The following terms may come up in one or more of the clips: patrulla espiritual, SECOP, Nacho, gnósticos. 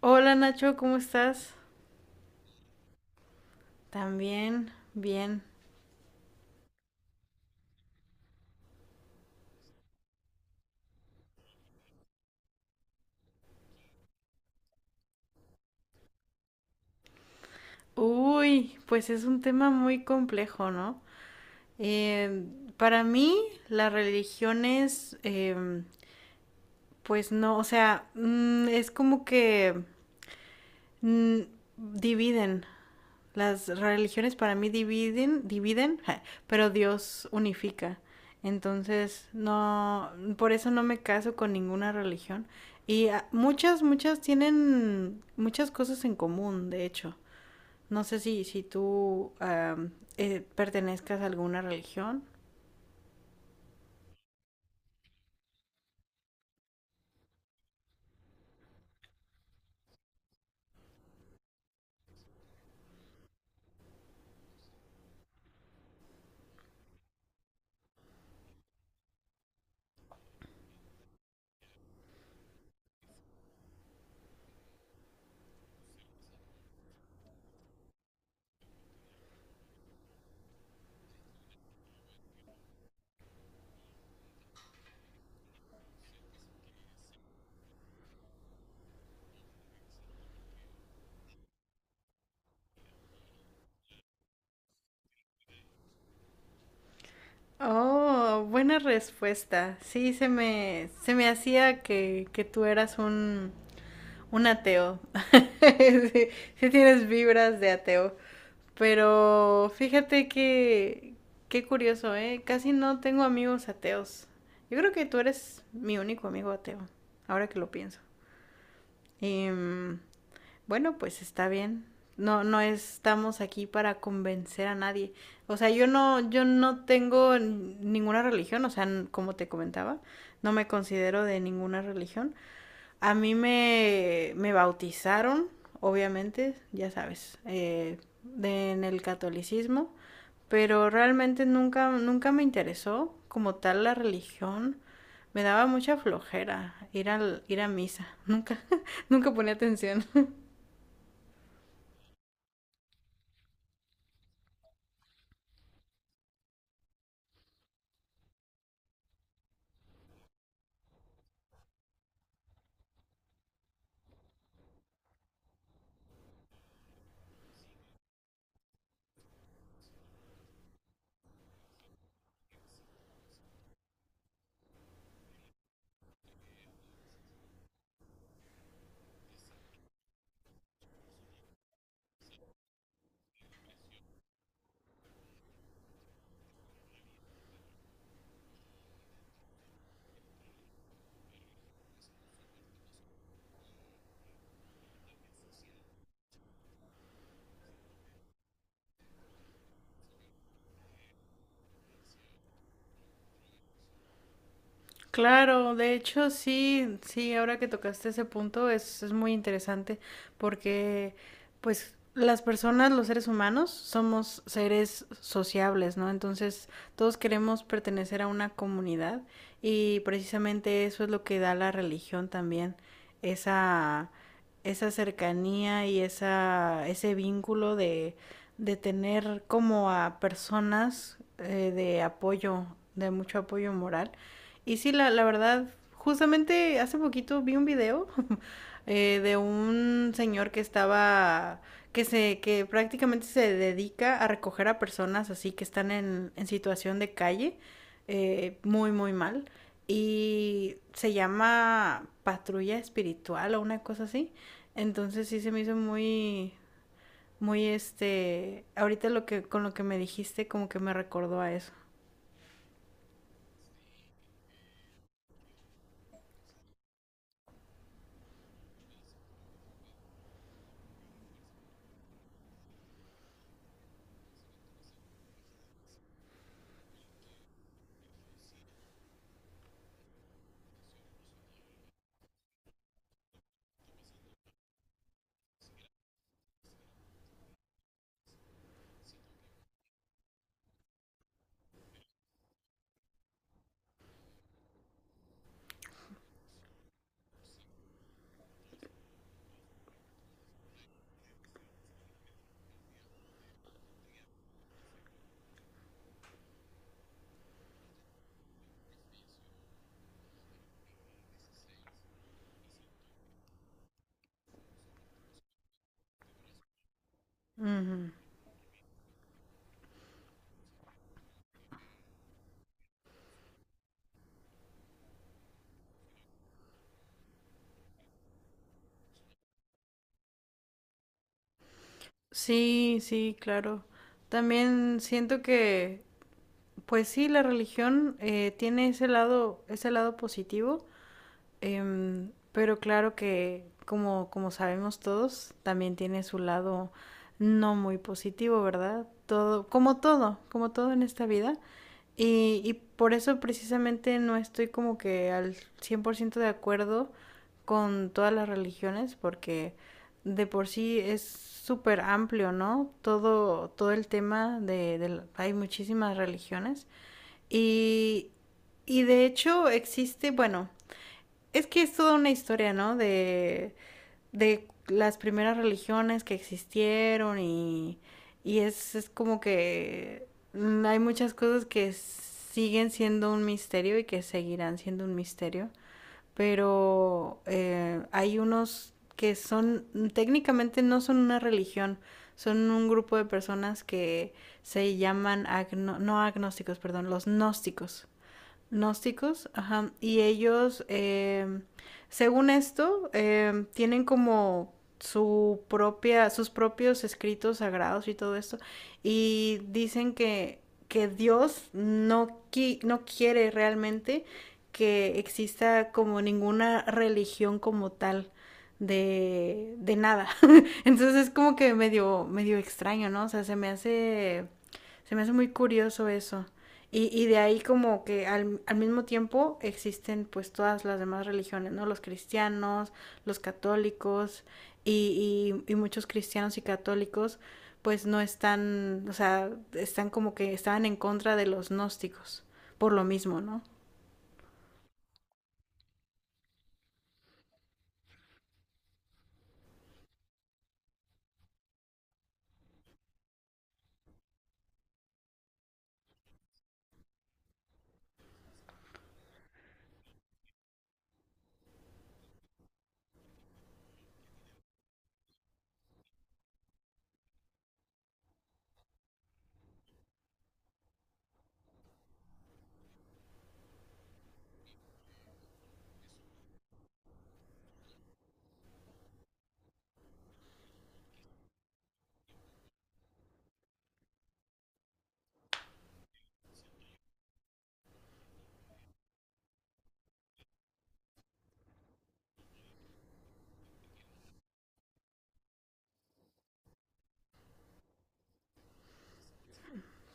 Hola Nacho, ¿cómo estás? También, bien. Uy, pues es un tema muy complejo, ¿no? Eh, para mí, las religiones, pues no, o sea, es como que mm, dividen. Las religiones para mí dividen, dividen, ja, pero Dios unifica. Entonces, no, por eso no me caso con ninguna religión. Y muchas, muchas tienen muchas cosas en común, de hecho. No sé si tú pertenezcas a alguna religión. Oh, buena respuesta. Sí, se me hacía que tú eras un ateo. Sí, sí tienes vibras de ateo. Pero fíjate que, qué curioso, ¿eh? Casi no tengo amigos ateos. Yo creo que tú eres mi único amigo ateo, ahora que lo pienso. Y bueno, pues está bien. No, no estamos aquí para convencer a nadie. O sea, yo no tengo ninguna religión, o sea, como te comentaba, no me considero de ninguna religión. A mí me bautizaron, obviamente, ya sabes, en el catolicismo, pero realmente nunca, nunca me interesó como tal la religión. Me daba mucha flojera ir ir a misa. Nunca, nunca ponía atención. Claro, de hecho sí, sí, ahora que tocaste ese punto es muy interesante porque pues las personas, los seres humanos, somos seres sociables, ¿no? Entonces todos queremos pertenecer a una comunidad y precisamente eso es lo que da la religión también, esa, esa cercanía y esa, ese vínculo de tener como a personas de apoyo, de mucho apoyo moral y sí, la verdad, justamente hace poquito vi un video de un señor que estaba, que prácticamente se dedica a recoger a personas así que están en situación de calle, muy, muy mal. Y se llama patrulla espiritual o una cosa así. Entonces sí se me hizo muy, muy este, ahorita con lo que me dijiste, como que me recordó a eso. Ujú. Sí, sí, claro. También siento que, pues sí, la religión tiene ese lado positivo, pero claro que, como, como sabemos todos, también tiene su lado no muy positivo, ¿verdad? Todo, como todo, como todo en esta vida. Y por eso precisamente no estoy como que al 100% de acuerdo con todas las religiones, porque de por sí es súper amplio, ¿no? Todo, todo el tema de hay muchísimas religiones. Y, y de hecho existe, bueno, es que es toda una historia, ¿no? De las primeras religiones que existieron y es como que hay muchas cosas que siguen siendo un misterio y que seguirán siendo un misterio, pero hay unos que son técnicamente no son una religión, son un grupo de personas que se llaman agno no agnósticos, perdón, los gnósticos. Gnósticos, ajá. Y ellos, según esto, tienen como su propia, sus propios escritos sagrados y todo esto. Y dicen que Dios no, qui- no quiere realmente que exista como ninguna religión como tal de nada. Entonces es como que medio, medio extraño, ¿no? O sea, se me hace muy curioso eso. Y de ahí como que al mismo tiempo existen pues todas las demás religiones, ¿no? Los cristianos, los católicos y muchos cristianos y católicos pues no están, o sea, están como que estaban en contra de los gnósticos, por lo mismo, ¿no?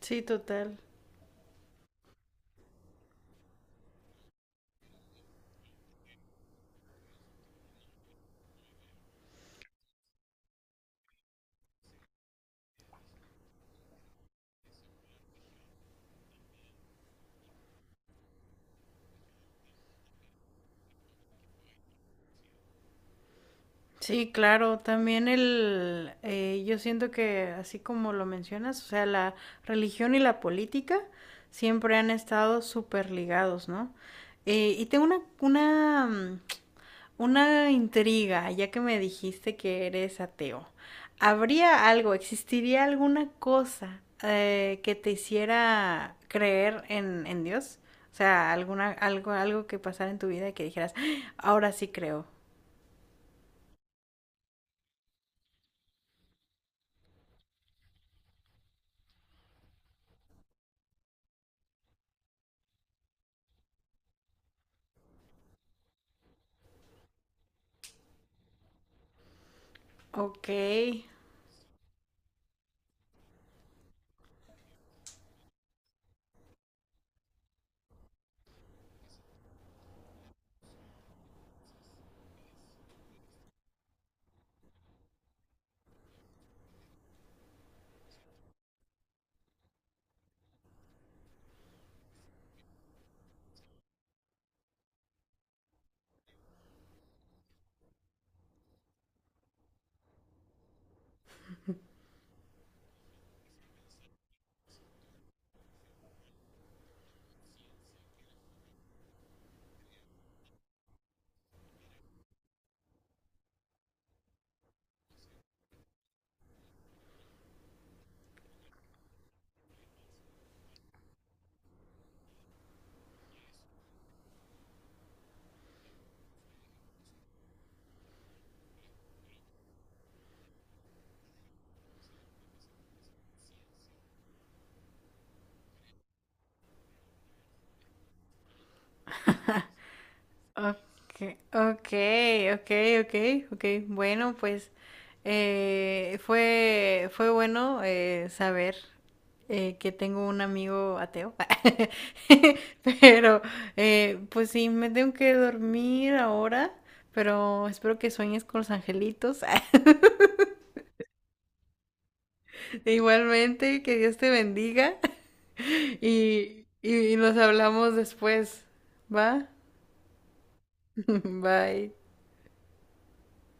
Sí, total. Sí, claro, también el, yo siento que así como lo mencionas, o sea, la religión y la política siempre han estado súper ligados, ¿no? Y tengo una, una intriga, ya que me dijiste que eres ateo. ¿Habría algo, existiría alguna cosa que te hiciera creer en Dios? O sea, alguna, algo, algo que pasara en tu vida y que dijeras, "Ah, ahora sí creo". Ok. Okay, okay, okay, okay, okay. Bueno, pues fue fue bueno saber que tengo un amigo ateo, pero pues sí, me tengo que dormir ahora, pero espero que sueñes con los angelitos. Igualmente, que Dios te bendiga. Y, y nos hablamos después, ¿va? Bye.